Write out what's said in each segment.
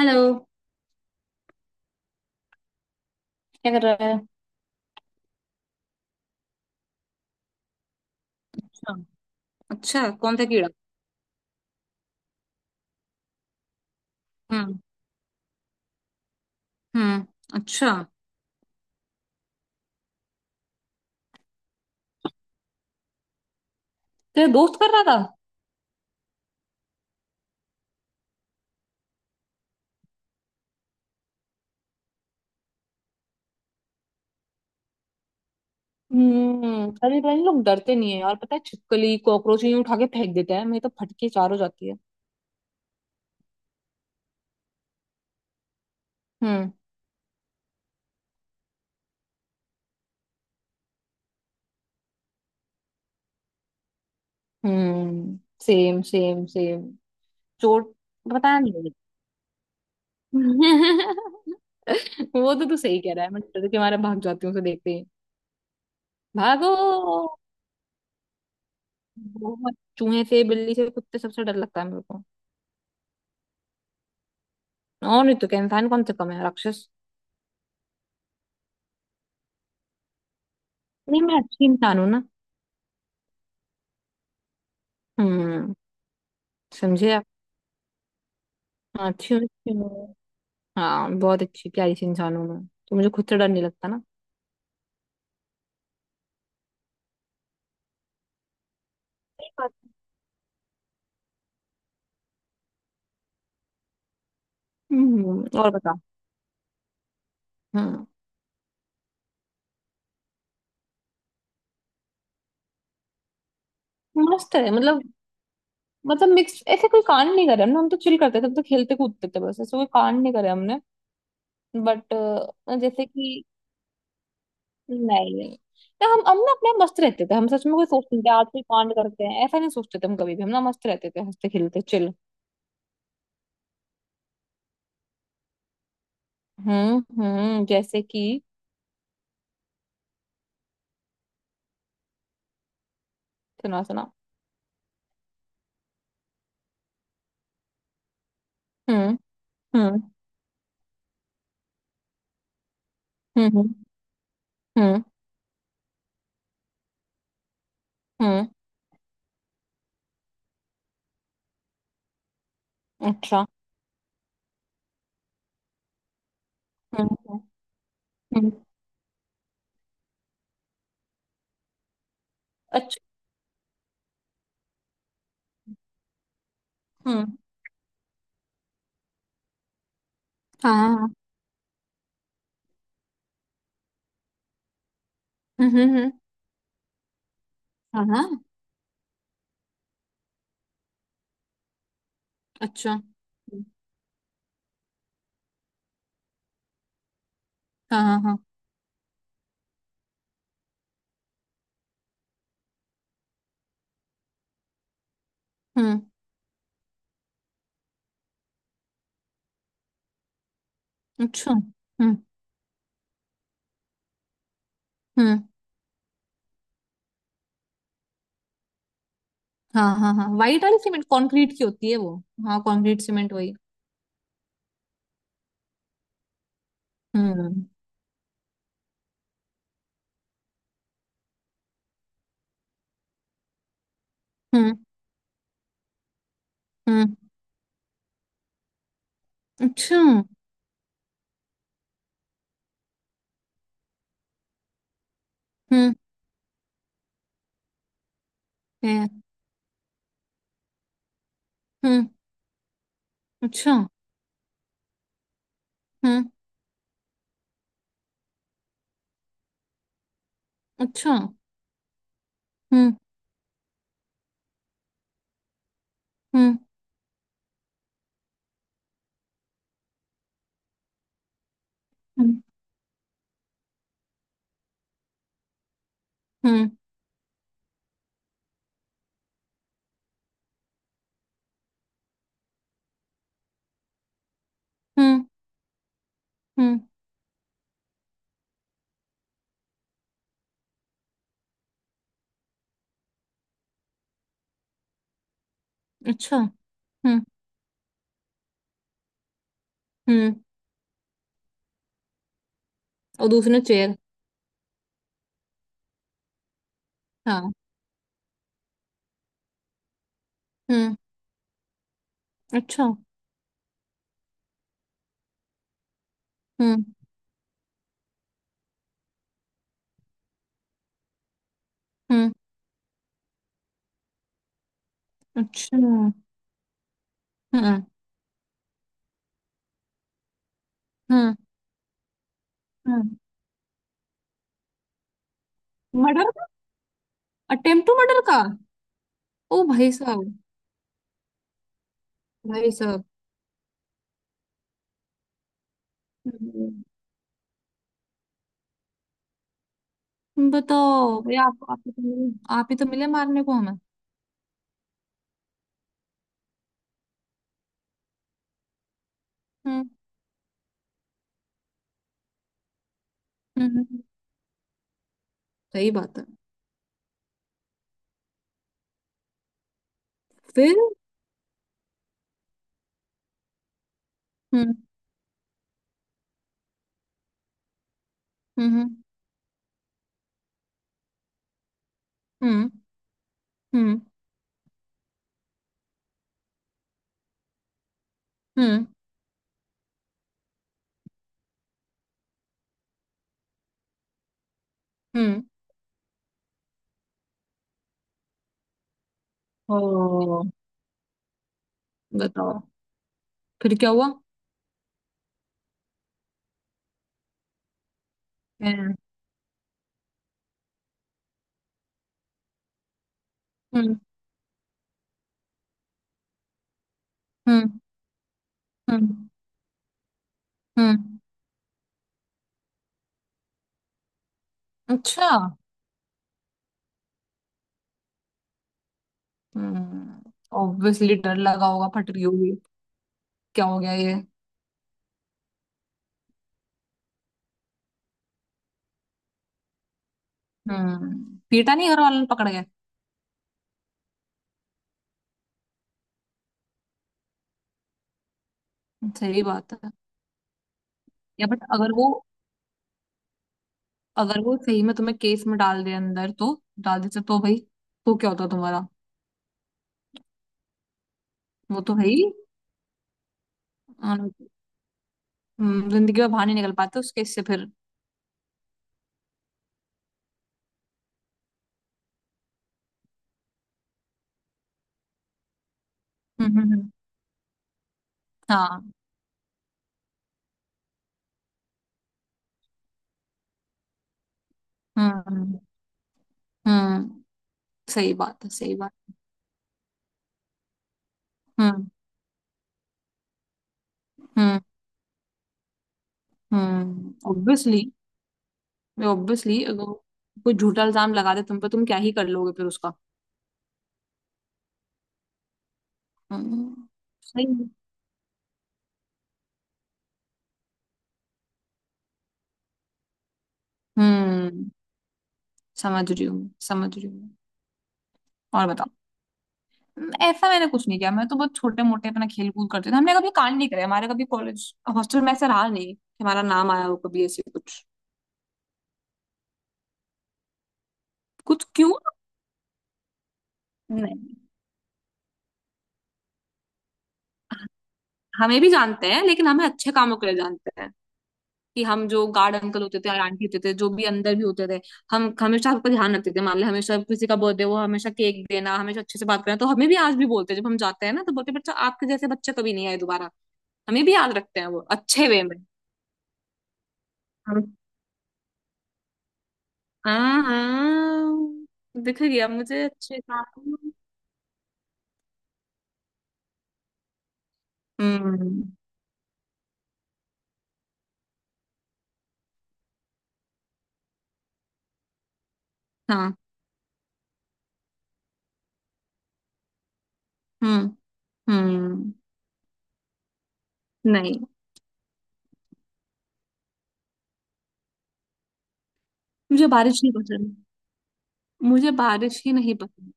Hello. क्या कर रहा है? अच्छा। अच्छा, कौन सा कीड़ा? हम्म। हम्म। अच्छा। तेरा दोस्त कर रहा था? हम्म। अरे पता नहीं लोग डरते नहीं है यार, पता है छिपकली कॉकरोच यूं उठा के फेंक देते हैं, मेरी तो फटके चार हो जाती है। हम्म। हम्म। Same same same. चोट पता नहीं लगी। वो तो तू सही कह रहा है, मैं डर के मारे भाग जाती हूँ उसे देखते ही। भागो। बहुत, चूहे से बिल्ली से कुत्ते सबसे डर लगता है मेरे को। और नहीं तो क्या, इंसान कौन से कम है राक्षस। नहीं, मैं अच्छी इंसान हूँ ना। हम्म। समझे आप? हाँ, अच्छी हूँ अच्छी हूँ। हाँ, बहुत अच्छी प्यारी सी इंसान हूँ मैं तो, मुझे खुद से डर नहीं लगता ना। सही बात। हम्म, और बता। हम्म। मस्त है मतलब। मतलब मिक्स, ऐसे कोई कांड नहीं करे हमने, हम तो चिल करते थे, हम तो खेलते कूदते थे, बस ऐसे कोई कांड नहीं करे हमने। बट। जैसे कि। नहीं नहीं। ना हम ना अपने आप मस्त रहते थे, हम सच में कोई सोचते नहीं थे आज कोई कांड करते हैं, ऐसा नहीं सोचते थे हम कभी भी, हम ना मस्त रहते थे, हंसते खेलते चिल। हम्म। हम्म। जैसे कि। सुना सुना। हम्म। हम्म। हम्म। हम्म। हम्म। हम्म, अच्छा। हम्म। हम्म। हम्म, अच्छा। हम्म। हाँ हाँ हाँ, हम्म हम्म हम्म, हाँ हाँ। अच्छा। हाँ हाँ हाँ। हम्म। अच्छा। हम्म। हम्म। हाँ हाँ हाँ, वाइट वाली सीमेंट कंक्रीट की होती है वो। हाँ कंक्रीट सीमेंट वही। हम्म। हम्म। हम्म। अच्छा। हम्म। है, हम्म। अच्छा। हम्म। अच्छा। हम्म। हम्म। हम्म। हम्म। हम्म। हम्म, अच्छा। हम्म। हम्म। और दूसरे चेयर? हाँ। हम्म। अच्छा। हम्म। हम्म। अच्छा। हम्म। हम्म। हम्म। मर्डर का। अटेम्प्ट टू मर्डर का? ओ भाई साहब। भाई साहब। हम्म, बताओ भाई, आप ही तो मिले। आप ही तो मिले मारने को हमें। हम्म हम्म हम्म, हम्म। सही बात है। फिर? हम्म। हम्म। हम्म। हम्म। हम्म। हम्म। हम्म। ओ। बताओ, फिर क्या हुआ? हम्म। हम्म। हम्म। हम्म। हम्म, अच्छा। हम्म। ऑब्वियसली डर लगा होगा, फट रही होगी। क्या हो गया ये? हम्म। पीटा नहीं घर वालों ने, पकड़ गए? सही बात है। या बट अगर वो सही में तुम्हें केस में डाल दे अंदर तो। डाल दे तो भाई। तो क्या होता तुम्हारा? वो तो भाई। अम, जिंदगी में बाहर नहीं निकल पाते उस केस से फिर। हम्म हम्म हम्म, हाँ। हम्म हम्म। सही बात है सही बात। हम्म हम्म ऑब्वियसली ऑब्वियसली अगर वो कोई झूठा इल्जाम लगा दे तुम पे, तुम क्या ही कर लोगे फिर उसका। हम्म। सही है। हम्म, समझ रही हूँ मैं, समझ रही हूँ मैं। और बताओ। ऐसा मैंने कुछ नहीं किया, मैं तो बहुत छोटे मोटे अपना खेल कूद करते थे, हमने कभी कांड नहीं करे, हमारे कभी कॉलेज हॉस्टल में ऐसा रहा नहीं कि हमारा नाम आया हो कभी ऐसे कुछ। कुछ क्यों? नहीं। हमें भी जानते हैं लेकिन हमें अच्छे कामों के लिए जानते हैं, कि हम जो गार्ड अंकल होते थे और आंटी होते थे जो भी अंदर भी होते थे, हम हमेशा सबका ध्यान रखते थे, मान ले हमेशा किसी का बर्थडे वो, हमेशा केक देना हमेशा अच्छे से बात करना, तो हमें भी आज भी बोलते हैं जब हम जाते हैं ना तो बोलते हैं, बच्चा आपके जैसे बच्चे कभी नहीं आए दोबारा। हमें भी याद रखते हैं वो अच्छे वे में। हाँ हाँ। दिख गया मुझे अच्छे से। हम्म। हाँ। हम्म। हम्म। नहीं। मुझे बारिश नहीं पसंद। मुझे बारिश ही नहीं पसंद।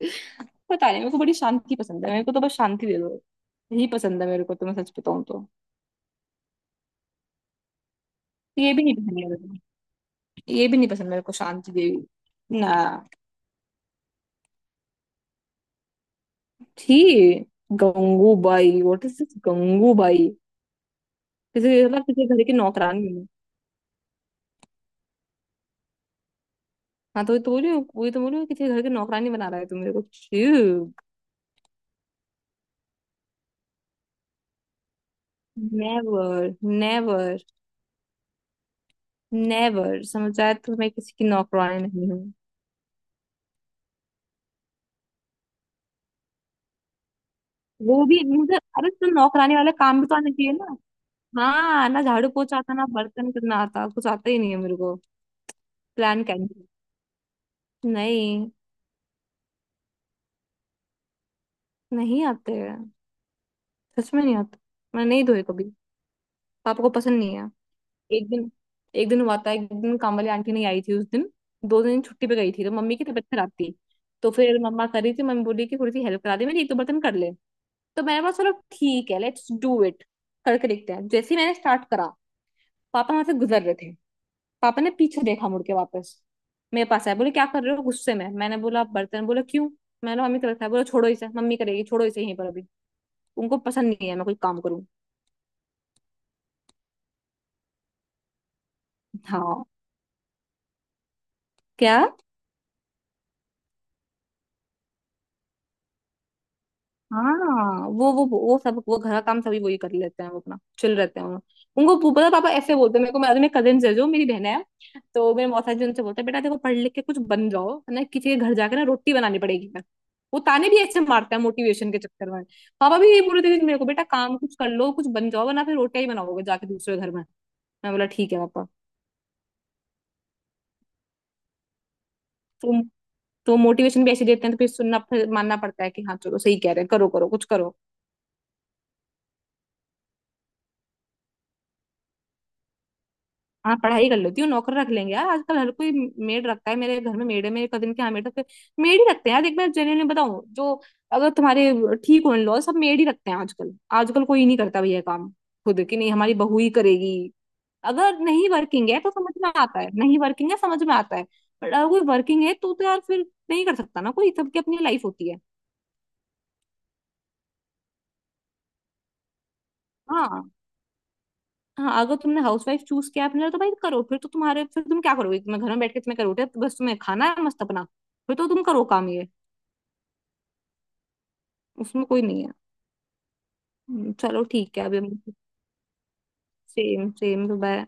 पता नहीं, मेरे को बड़ी शांति पसंद है, मेरे को तो बस शांति दे दो। यही पसंद है मेरे को, तो मैं सच बताऊं तो। ये भी नहीं पसंद है मेरे को। ये भी नहीं पसंद मेरे को, शांति देवी ना। थी। Gangubai, what is this Gangubai. किसी मतलब किसी घर की नौकरानी। हाँ तो वही तो बोल रही हूँ, वही तो बोल रही हूँ कि तेरे घर की नौकरानी बना रहा है तू मेरे को चू। नेवर। नेवर। नेवर, समझ आया? तो मैं किसी की नौकरानी नहीं हूँ। वो भी मुझे, अरे तो नौकरानी वाला काम भी तो आना चाहिए ना। हाँ, ना झाड़ू पोछा आता ना बर्तन करना आता, कुछ आता ही नहीं है मेरे को। Plan cancel. नहीं। नहीं आते हैं, सच में नहीं आते। मैं नहीं धोए कभी। पापा को पसंद नहीं है। एक दिन। एक दिन हुआ था, एक दिन काम वाली आंटी नहीं आई थी उस दिन। दो दिन छुट्टी पे गई थी, तो मम्मी की तबीयत खराब थी। तो फिर मम्मा कर रही थी, मम्मी बोली कि थोड़ी सी हेल्प करा दे मेरी, एक दो बर्तन कर ले। तो मैंने बोला चलो ठीक है, लेट्स डू इट। करके देखते हैं, जैसे ही मैंने स्टार्ट करा। पापा वहां से गुजर रहे थे। पापा ने पीछे देखा मुड़ के वापस। मेरे पास आए, बोले क्या कर रहे हो गुस्से में, मैंने बोला आप, बर्तन, बोला क्यों। मैंने बोला मम्मी कर रखा है, बोला छोड़ो इसे, मम्मी करेगी, छोड़ो इसे यहीं पर अभी। उनको पसंद नहीं है मैं कोई काम करूँ। हाँ। क्या? हाँ, वो सब वो घर का काम सभी वही कर लेते हैं, वो अपना चिल रहते हैं वो। उनको वो पता है, पापा ऐसे बोलते हैं मेरे को, मेरे कजिन है जो मेरी बहन है। तो मेरे मौसा जी उनसे बोलते हैं, बेटा देखो पढ़ लिख के कुछ बन जाओ, है ना, किसी के घर जाके ना रोटी बनानी पड़ेगी ना। वो ताने भी ऐसे मारते हैं मोटिवेशन के चक्कर में। पापा भी ये बोलते थे मेरे को, बेटा काम कुछ कर लो, कुछ बन जाओ वरना फिर रोटियां ही बनाओगे जाके दूसरे घर में। मैं बोला ठीक है पापा। तो तो मोटिवेशन भी ऐसे देते हैं, तो फिर सुनना फिर मानना पड़ता है कि हाँ चलो सही कह रहे हैं, करो करो कुछ करो। हाँ पढ़ाई कर लेती हूँ, नौकर रख लेंगे यार, आजकल हर कोई मेड रखता है, मेरे घर में मेड है, मेरे कजिन के यहाँ मेड रखते। मेड ही रखते हैं यार, देख मैं जेन्युइनली बताऊँ जो। अगर तुम्हारे। ठीक हो लॉ, सब मेड ही रखते हैं आजकल। आजकल कोई नहीं करता भैया काम। खुद कि नहीं, हमारी बहू ही करेगी। अगर नहीं वर्किंग है तो समझ में आता है, नहीं वर्किंग है समझ में आता है। बट अगर कोई वर्किंग है तो यार फिर, नहीं कर सकता ना कोई, सबकी अपनी लाइफ होती है। हाँ। हाँ। अगर तुमने हाउस वाइफ चूज किया अपने लिए, तो भाई करो, फिर तो तुम्हारे, फिर तुम क्या करोगे, तुम्हें घर में बैठ के तुम्हें करोगे बस, तुम्हें खाना है मस्त अपना। फिर तो तुम करो काम ये। उसमें कोई नहीं है। चलो ठीक है अभी हम। सेम सेम सुबह।